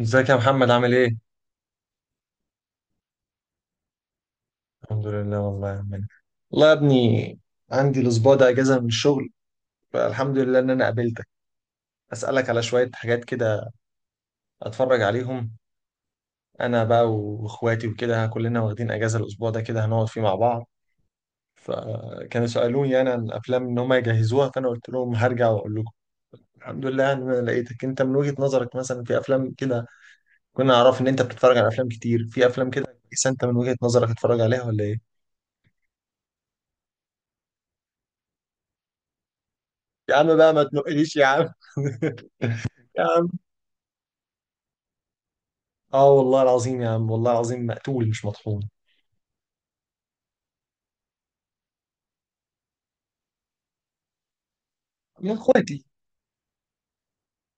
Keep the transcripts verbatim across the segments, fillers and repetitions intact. ازيك يا محمد عامل ايه؟ الحمد لله والله يا عمنا. والله يا ابني، عندي الاسبوع ده اجازه من الشغل، فالحمد لله ان انا قابلتك. اسالك على شويه حاجات كده، اتفرج عليهم. انا بقى واخواتي وكده كلنا واخدين اجازه الاسبوع ده، كده هنقعد فيه مع بعض، فكانوا سالوني انا عن افلام ان هم يجهزوها، فانا قلت لهم هرجع واقول لكم. الحمد لله ان انا لقيتك، انت من وجهه نظرك مثلا في افلام كده كنا نعرف ان انت بتتفرج على افلام كتير، في افلام كده كويسه انت من وجهه نظرك تتفرج عليها ولا ايه؟ يا عم بقى ما تنقليش يا عم. يا عم، اه والله العظيم يا عم، والله العظيم مقتول مش مطحون. مع اخواتي.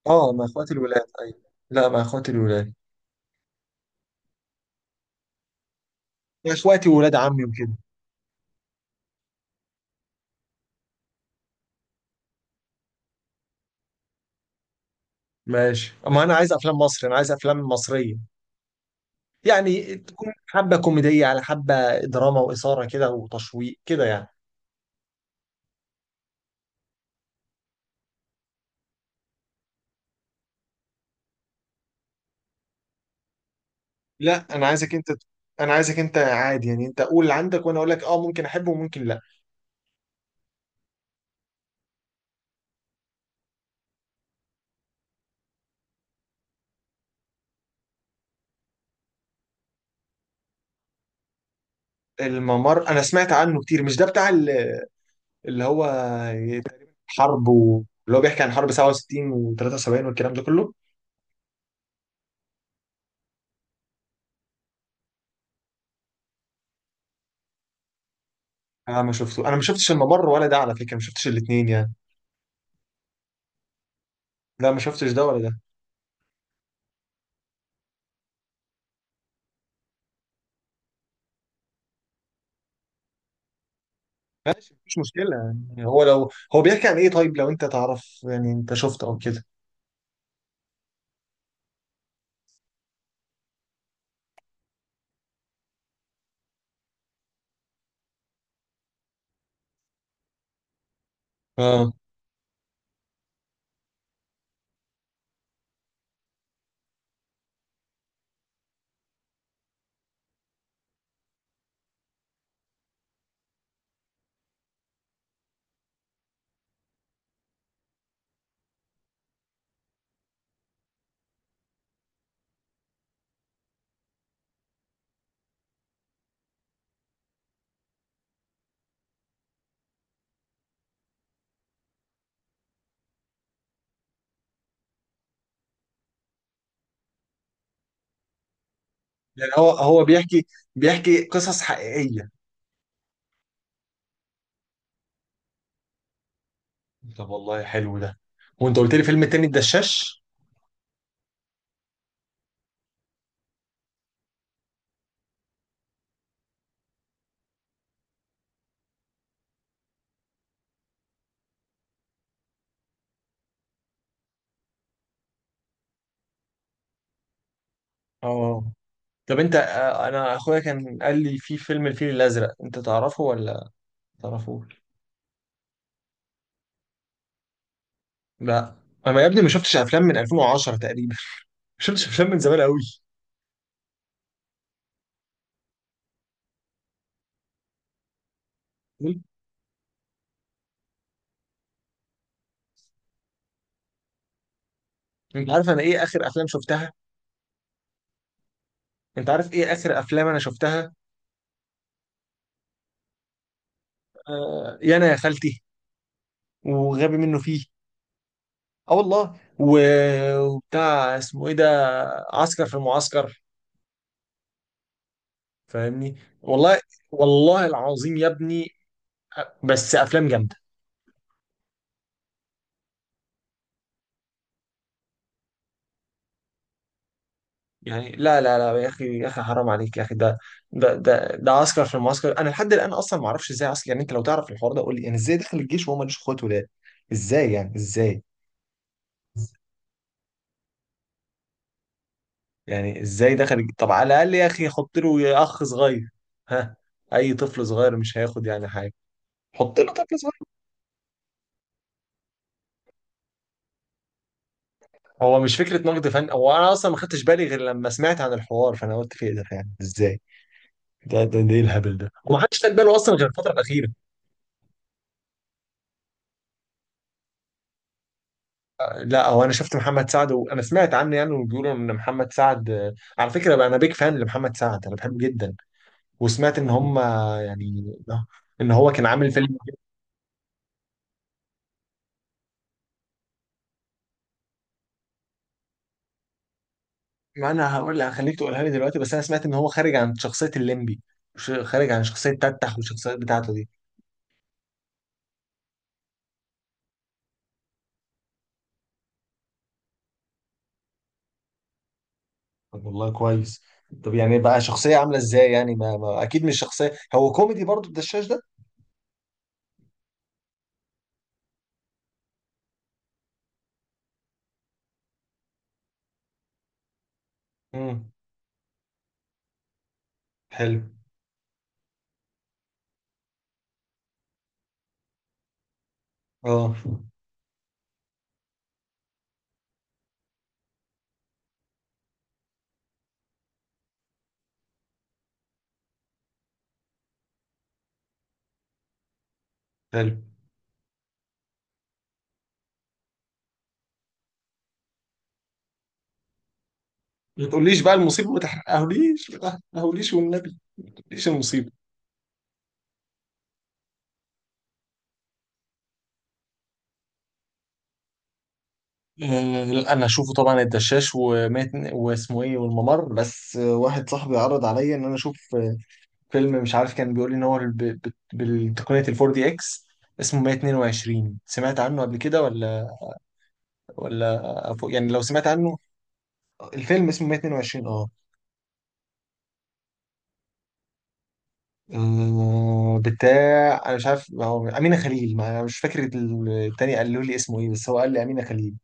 اه، مع اخواتي الولاد. ايوه، لا مع اخواتي الولاد. مع اخواتي وولاد عمي وكده. ماشي، اما انا عايز افلام مصري، انا عايز افلام مصريه، يعني تكون حبه كوميديه على حبه دراما واثاره كده وتشويق كده يعني. لا انا عايزك انت، انا عايزك انت عادي يعني، انت قول اللي عندك وانا اقول لك اه، ممكن احبه وممكن لا. الممر انا سمعت عنه كتير، مش ده بتاع ال- اللي هو حرب و... اللي هو بيحكي عن حرب سبعة وستين و73 والكلام ده كله؟ انا ما شفته، انا ما شفتش الممر ولا ده على فكره، ما شفتش الاثنين يعني. لا ما شفتش ده ولا ده. ماشي مفيش مشكله، يعني هو لو هو بيحكي عن ايه؟ طيب لو انت تعرف يعني، انت شفته او كده. اه، يعني هو هو بيحكي بيحكي قصص حقيقيه؟ طب والله حلو ده. وانت قلت لي فيلم التاني الدشاش. اه، طب انت آه، انا اخويا كان قال لي في فيلم الفيل الازرق، انت تعرفه ولا ما تعرفوش؟ لا، انا يا ابني ما شفتش افلام من الفين وعشره تقريبا، ما شفتش افلام من زمان قوي. انت عارف انا ايه اخر افلام شفتها؟ انت عارف ايه اخر افلام انا شفتها؟ آه يانا يا خالتي، وغبي منه فيه. اه والله، و- وبتاع اسمه ايه ده، عسكر في المعسكر، فاهمني؟ والله، والله العظيم يا ابني. بس افلام جامده يعني. لا لا لا يا اخي، يا اخي حرام عليك يا اخي، ده ده ده ده عسكر في المعسكر، انا لحد الان اصلا ما اعرفش ازاي عسكر. يعني انت لو تعرف الحوار ده قول لي، يعني ازاي دخل الجيش وهو مالوش اخوات ولاد؟ ازاي يعني ازاي؟ يعني ازاي دخل؟ طب على الاقل يا اخي، حط له يا اخ صغير، ها؟ اي طفل صغير مش هياخد يعني حاجه. حط له طفل صغير. هو مش فكره نقد فن، هو انا اصلا ما خدتش بالي غير لما سمعت عن الحوار، فانا قلت في ايه ده؟ يعني ازاي؟ ده ده, ده ايه الهبل ده، ومحدش خد باله اصلا غير الفتره الاخيره. آه، لا، هو انا شفت محمد سعد وانا سمعت عنه يعني، وبيقولوا ان محمد سعد، آه، على فكره بقى انا بيك فان لمحمد سعد، انا بحبه جدا. وسمعت ان هم، يعني ان هو كان عامل فيلم. ما انا هقول لك، هخليك تقولها لي دلوقتي. بس انا سمعت ان هو خارج عن شخصيه الليمبي، ش- خارج عن شخصيه تتح والشخصيات بتاعته دي. طب والله كويس. طب يعني بقى شخصيه عامله ازاي يعني؟ ما, ما اكيد مش شخصيه، هو كوميدي برضو الدشاش ده؟ امم. حلو. اه، حلو. ما تقوليش بقى المصيبه، ما تحرقهوليش، ما تحرقهوليش والنبي. ما تقوليش المصيبه. آه، لا انا اشوفه طبعا الدشاش، ومات واسمه ايه، والممر. بس آه، واحد صاحبي عرض عليا ان انا اشوف فيلم، مش عارف كان بيقول لي ان هو ب- ب- بالتقنية الفور دي اكس، اسمه مية اتنين وعشرين، سمعت عنه قبل كده ولا ولا؟ أفو- يعني لو سمعت عنه، الفيلم اسمه مية اتنين وعشرين. اه، آه، بتاع انا مش عارف، هو امينه خليل، ما انا مش فاكر ال- التاني قالوا لي اسمه ايه، بس هو قال لي امينه خليل.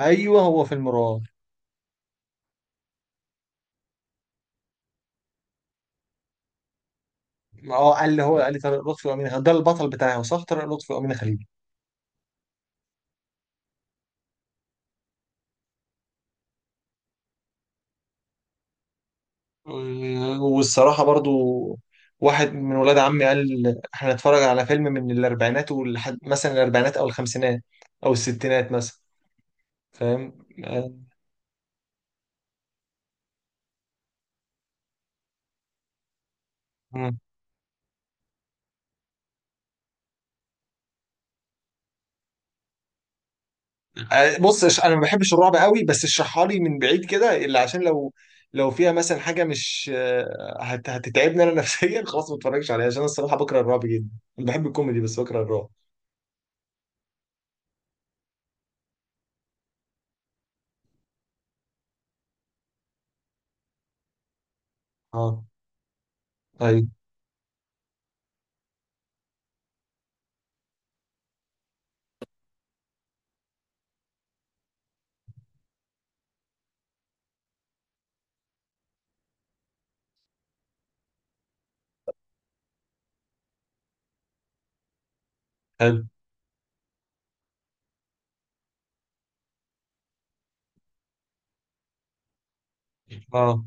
ايوه هو فيلم رعب. اه قال لي، هو قال لي طارق لطفي وامينه خليل، ده البطل بتاعه صح؟ طارق لطفي وامينه خليل. والصراحة برضو واحد من ولاد عمي قال احنا نتفرج على فيلم من الأربعينات، ولحد مثلا الأربعينات أو الخمسينات أو الستينات مثلا، فاهم؟ آه، مم. آه، بص، إش- أنا ما بحبش الرعب قوي، بس اشرحها لي من بعيد كده اللي عشان لو، لو فيها مثلا حاجة مش آه، هت- هتتعبني أنا نفسيا خلاص ما اتفرجش عليها، عشان أنا الصراحة بكره الرعب جدا، أنا بحب الكوميدي بس بكره الرعب. اه، ايوه، حلو، اه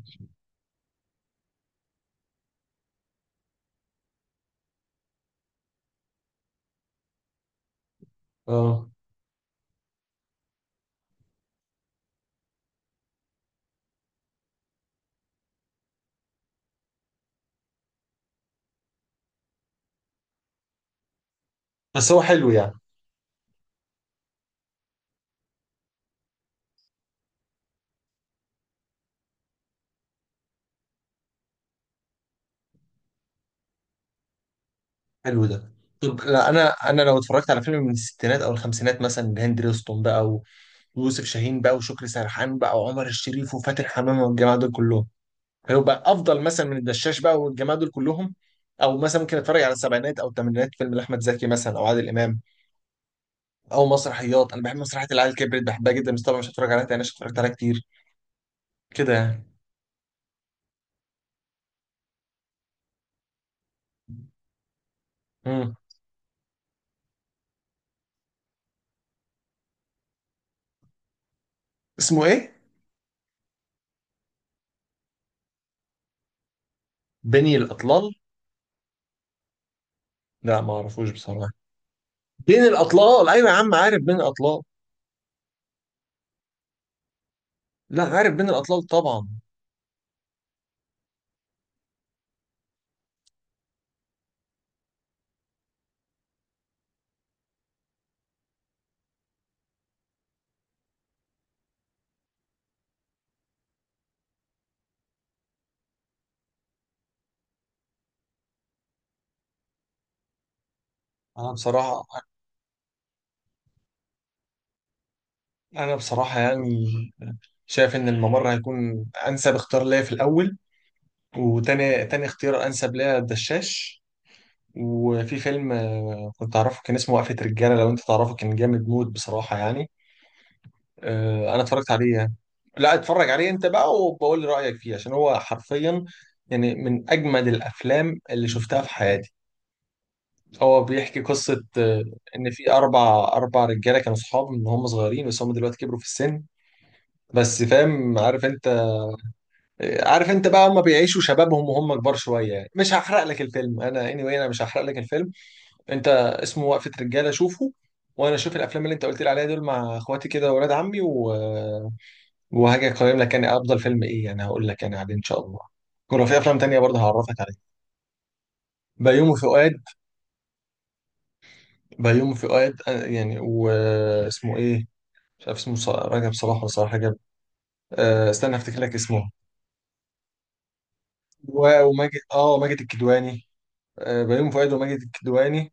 اه. بس هو حلو يعني؟ حلو ده. طب لا، انا انا لو اتفرجت على فيلم من الستينات او الخمسينات مثلا، هند رستم بقى، ويوسف شاهين بقى، وشكري سرحان بقى، وعمر الشريف وفاتن حمامه والجماعه دول كلهم، هيبقى افضل مثلا من الدشاش بقى والجماعه دول كلهم. او مثلا ممكن اتفرج على السبعينات او الثمانينات، فيلم لاحمد زكي مثلا، او عادل امام، او مسرحيات. انا بحب مسرحيه العيال كبرت، بحبها جدا، بس طبعا مش هتفرج عليها تاني عشان اتفرجت عليها كتير كده يعني. امم. اسمه ايه؟ بني الاطلال؟ لا ما اعرفوش بصراحه. بين الاطلال، ايوه يا عم، عارف بين الاطلال. لا، عارف بين الاطلال طبعا. انا بصراحه، انا بصراحه يعني شايف ان الممر هيكون انسب اختيار ليا في الاول، وتاني تاني اختيار انسب ليا الدشاش. وفي فيلم آه، كنت اعرفه، كان اسمه وقفه رجاله، لو انت تعرفه، كان جامد موت بصراحه يعني. آه، انا اتفرجت عليه يعني، لا اتفرج عليه انت بقى، وبقول لي رايك فيه، عشان هو حرفيا يعني من اجمد الافلام اللي شفتها في حياتي. هو بيحكي قصه، آه، ان في اربع اربع رجاله كانوا صحاب من هم صغيرين، بس هم دلوقتي كبروا في السن، بس فاهم عارف انت، عارف انت بقى، هم بيعيشوا شبابهم وهم كبار شويه يعني. مش هحرق لك الفيلم انا، anyway انا مش هحرق لك الفيلم. انت اسمه وقفه رجاله، شوفه. وانا اشوف الافلام اللي انت قلت لي عليها دول مع اخواتي كده، واولاد عمي و... وهاجي اقيم لك، يعني افضل فيلم ايه، يعني هقول لك يعني عليه ان شاء الله. ولو في افلام تانية برضه هعرفك عليها. بيومي فؤاد، بيومي فؤاد، آه، يعني واسمه ايه؟ مش عارف اسمه، ص- رجب صلاح ولا صلاح رجب؟ أه استنى افتكر لك اسمه. و- وماجد، اه ماجد الكدواني. آه، بيومي فؤاد وماجد الكدواني.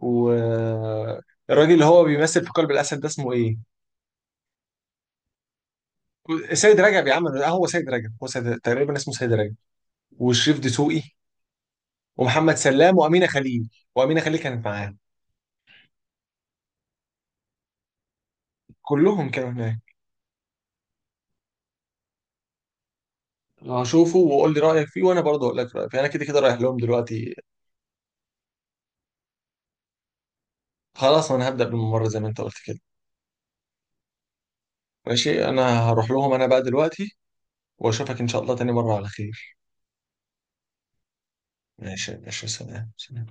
والراجل اللي هو بيمثل في قلب الاسد، ده اسمه ايه؟ سيد رجب يا عم. آه، هو سيد رجب، هو سيد تقريبا اسمه سيد رجب، وشريف دسوقي ومحمد سلام وامينه خليل. وامينه خليل كانت معاهم، كلهم كانوا هناك. هشوفه وقول لي رايك فيه، وانا برضه اقول لك رايي فيه. انا كده كده رايح لهم دلوقتي. خلاص انا هبدا بالممر زي ما انت قلت كده. ماشي، انا هروح لهم انا بقى دلوقتي، واشوفك ان شاء الله تاني مره على خير. ماشي ماشي، سلام سلام.